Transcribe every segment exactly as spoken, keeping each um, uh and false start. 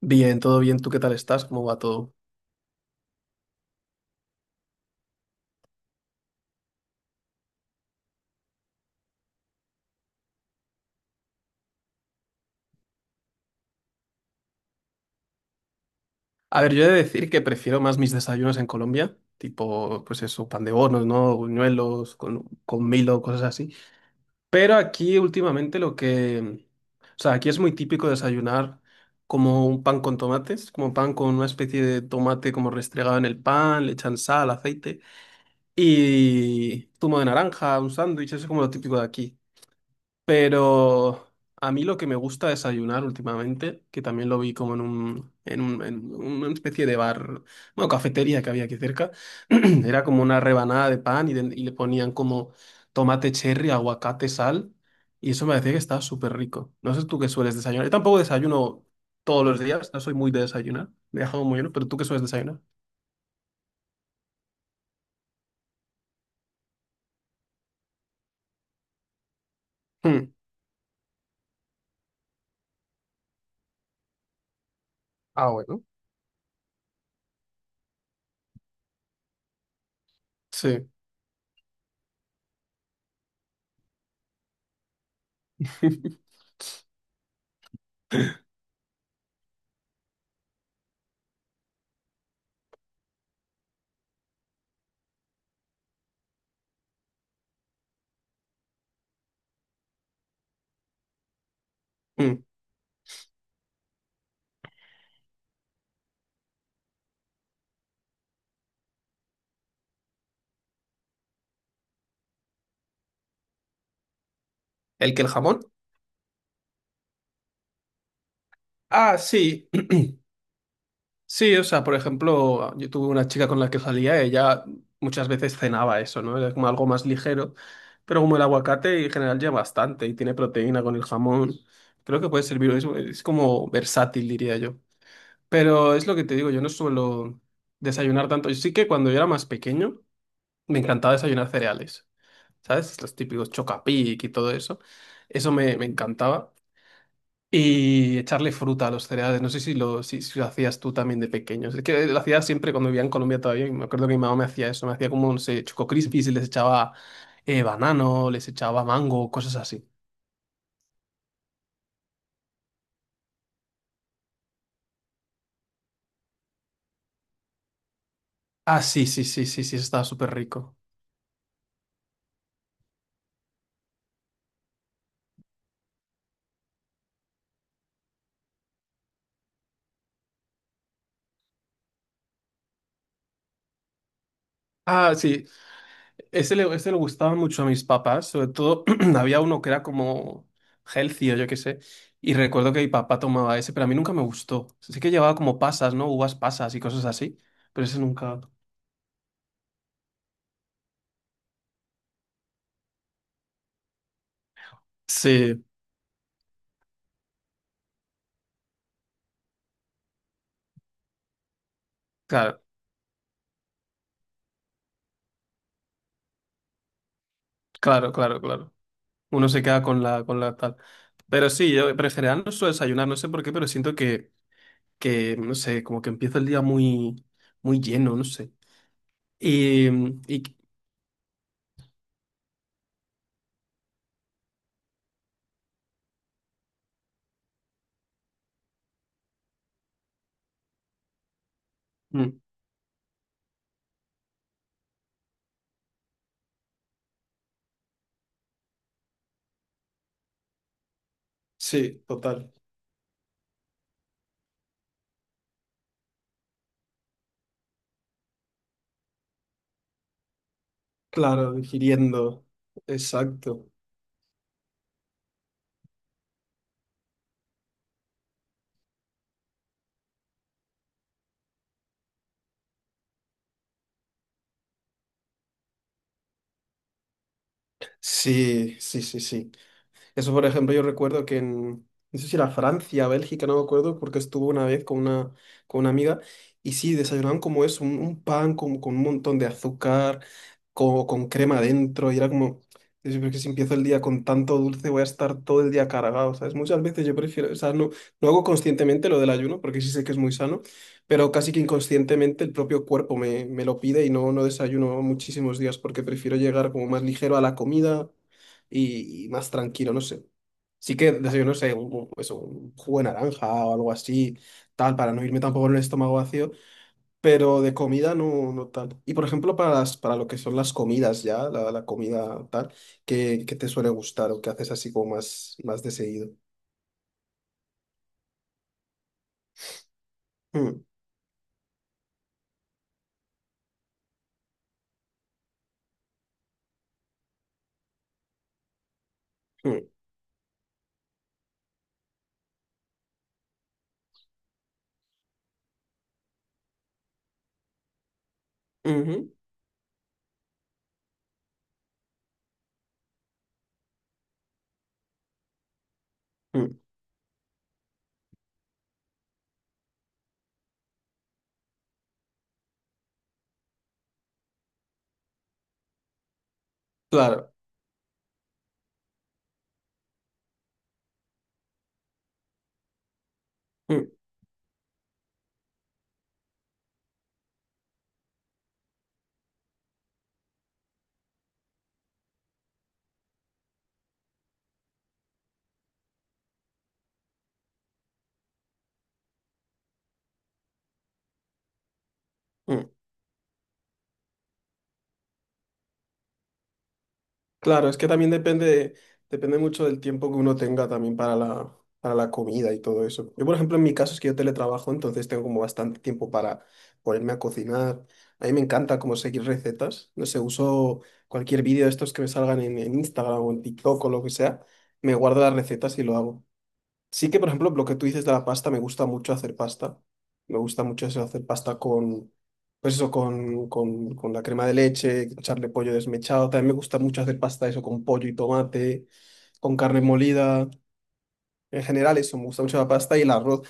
Bien, todo bien. ¿Tú qué tal estás? ¿Cómo va todo? A ver, yo he de decir que prefiero más mis desayunos en Colombia, tipo, pues eso, pan de bonos, ¿no? Buñuelos, con, con Milo, cosas así. Pero aquí últimamente lo que... O sea, aquí es muy típico desayunar como un pan con tomates, como pan con una especie de tomate como restregado en el pan, le echan sal, aceite y zumo de naranja, un sándwich, eso es como lo típico de aquí. Pero a mí lo que me gusta desayunar últimamente, que también lo vi como en un, en un- en una especie de bar, bueno, cafetería que había aquí cerca, era como una rebanada de pan y, de- y le ponían como tomate cherry, aguacate, sal, y eso me decía que estaba súper rico. No sé tú qué sueles desayunar. Yo tampoco desayuno todos los días, no soy muy de desayunar, me he dejado muy lleno, pero tú qué sueles desayunar. Mm. Ah, bueno. Sí. Mm. ¿El que el jamón? Ah, sí. Sí, o sea, por ejemplo, yo tuve una chica con la que salía, ella muchas veces cenaba eso, ¿no? Era como algo más ligero, pero como el aguacate en general lleva bastante y tiene proteína con el jamón, creo que puede servir, es, es como versátil, diría yo. Pero es lo que te digo, yo no suelo desayunar tanto. Yo sí que cuando yo era más pequeño me encantaba desayunar cereales, ¿sabes? Los típicos Chocapic y todo eso, eso me, me encantaba. Y echarle fruta a los cereales. No sé si lo, si, si lo hacías tú también de pequeños. Es que lo hacía siempre cuando vivía en Colombia todavía, y Me acuerdo que mi mamá me hacía eso. Me hacía como, no sé, Choco Crispies y les echaba eh, banano, les echaba mango, cosas así. Ah, sí, sí, sí, sí, sí, eso estaba súper rico. Ah, sí, ese le, ese le gustaba mucho a mis papás. Sobre todo había uno que era como healthy o yo qué sé. Y recuerdo que mi papá tomaba ese, pero a mí nunca me gustó. Sí que llevaba como pasas, ¿no? Uvas pasas y cosas así. Pero ese nunca. Sí, claro. Claro, claro, claro. Uno se queda con la, con la tal. Pero sí, yo, pero en general no suelo desayunar, no sé por qué, pero siento que, que, no sé, como que empiezo el día muy, muy lleno, no sé. Y, mm, y- mm, sí, total. Claro, digiriendo. Exacto. Sí, sí, sí, sí. Eso, por ejemplo, yo recuerdo que en, no sé si era Francia, Bélgica, no me acuerdo, porque estuve una vez con una, con una amiga y sí, desayunaban como eso, un, un pan con, con un montón de azúcar, co- con, crema dentro, y era como, yo creo que si empiezo el día con tanto dulce voy a estar todo el día cargado, ¿sabes? Muchas veces yo prefiero, o sea, no, no hago conscientemente lo del ayuno, porque sí sé que es muy sano, pero casi que inconscientemente el propio cuerpo me, me lo pide y no, no desayuno muchísimos días porque prefiero llegar como más ligero a la comida y, y más tranquilo, no sé. Sí que desayuno, no sé, un, un- eso, un jugo de naranja o algo así, tal, para no irme tampoco con el estómago vacío, pero de comida no, no tal. Y por ejemplo, para, las- para lo que son las comidas ya, la, la comida tal, qué qué te suele gustar o qué haces así como más, más de seguido. Mm, mm, ujú, mm, claro. Mm, mm. Claro, es que también depende, depende mucho del tiempo que uno tenga también para la, para la comida y todo eso. Yo, por ejemplo, en mi caso es que yo teletrabajo, entonces tengo como bastante tiempo para ponerme a cocinar. A mí me encanta como seguir recetas. No sé, uso cualquier vídeo de estos que me salgan en, en Instagram o en TikTok o lo que sea. Me guardo las recetas y lo hago. Sí que, por ejemplo, lo que tú dices de la pasta, me gusta mucho hacer pasta. Me gusta mucho eso, hacer pasta con, pues eso, con, con, con la crema de leche, echarle pollo desmechado. También me gusta mucho hacer pasta eso con pollo y tomate, con carne molida. En general eso, me gusta mucho la pasta y el arroz.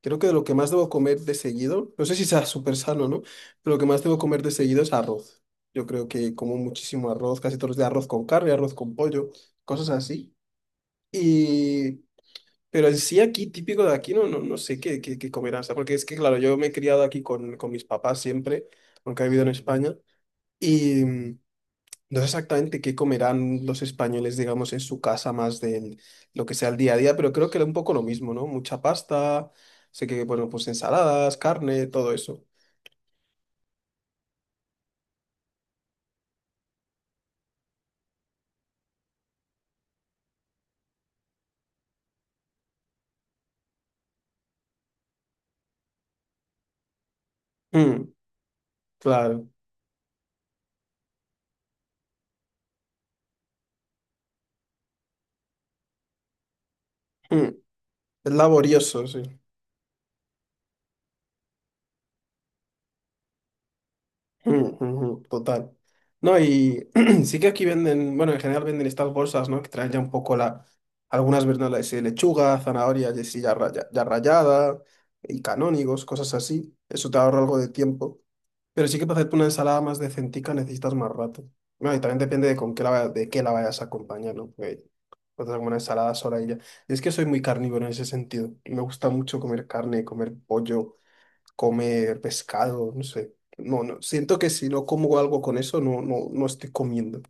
Creo que de lo que más debo comer de seguido, no sé si sea súper sano, ¿no? Pero lo que más debo comer de seguido es arroz. Yo creo que como muchísimo arroz, casi todos los días arroz con carne, arroz con pollo, cosas así. Y pero en sí aquí, típico de aquí, no, no, no sé qué, qué, qué comerán. O sea, porque es que, claro, yo me he criado aquí con, con mis papás siempre, aunque he vivido en España, y mm, no sé exactamente qué comerán los españoles, digamos, en su casa más de lo que sea el día a día, pero creo que era un poco lo mismo, ¿no? Mucha pasta, sé que, bueno, pues ensaladas, carne, todo eso. Mm, claro. Mm, es laborioso, sí. Mm, mhm. Total. No, y sí que aquí venden, bueno, en general venden estas bolsas, ¿no? Que traen ya un poco la, algunas verduras de lechuga, zanahoria y así ya, raya- ya rallada, y canónigos, cosas así. Eso te ahorra algo de tiempo. Pero sí que para hacerte una ensalada más decentica necesitas más rato. Bueno, y también depende de con qué la, vaya- de qué la vayas a acompañar, ¿no? Porque puedes hacer como una ensalada sola y ya. Y es que soy muy carnívoro en ese sentido. Me gusta mucho comer carne, comer pollo comer pescado, no sé. No, no, siento que si no como algo con eso, no, no, no estoy comiendo.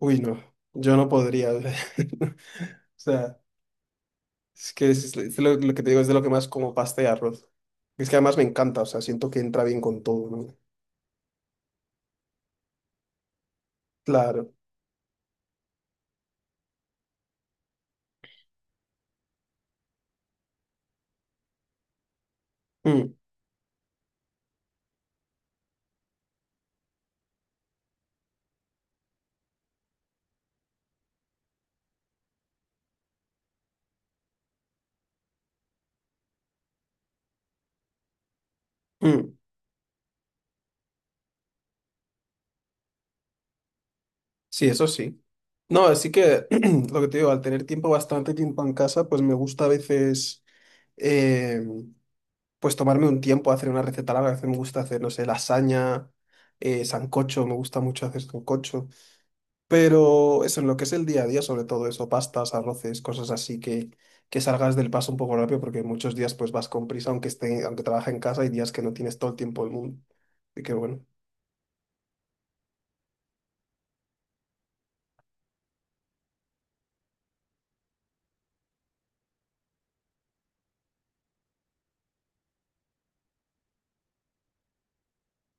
Uy, no, yo no podría. O sea, es que es, es lo, lo que te digo es de lo que más como pasta y arroz. Es que además me encanta, o sea, siento que entra bien con todo, ¿no? Claro. Mm, mm. Sí, eso sí. No, así que lo que te digo, al tener tiempo, bastante tiempo en casa, pues me gusta a veces... em, pues tomarme un tiempo a hacer una receta larga. A veces me gusta hacer, no sé, lasaña, eh, sancocho, me gusta mucho hacer sancocho. Pero eso, en lo que es el día a día, sobre todo eso, pastas, arroces, cosas así que, que salgas del paso un poco rápido, porque muchos días pues vas con prisa, aunque esté, aunque trabajes en casa, hay días que no tienes todo el tiempo del mundo. Así que bueno.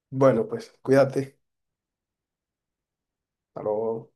Bueno, pues cuídate. Hasta luego.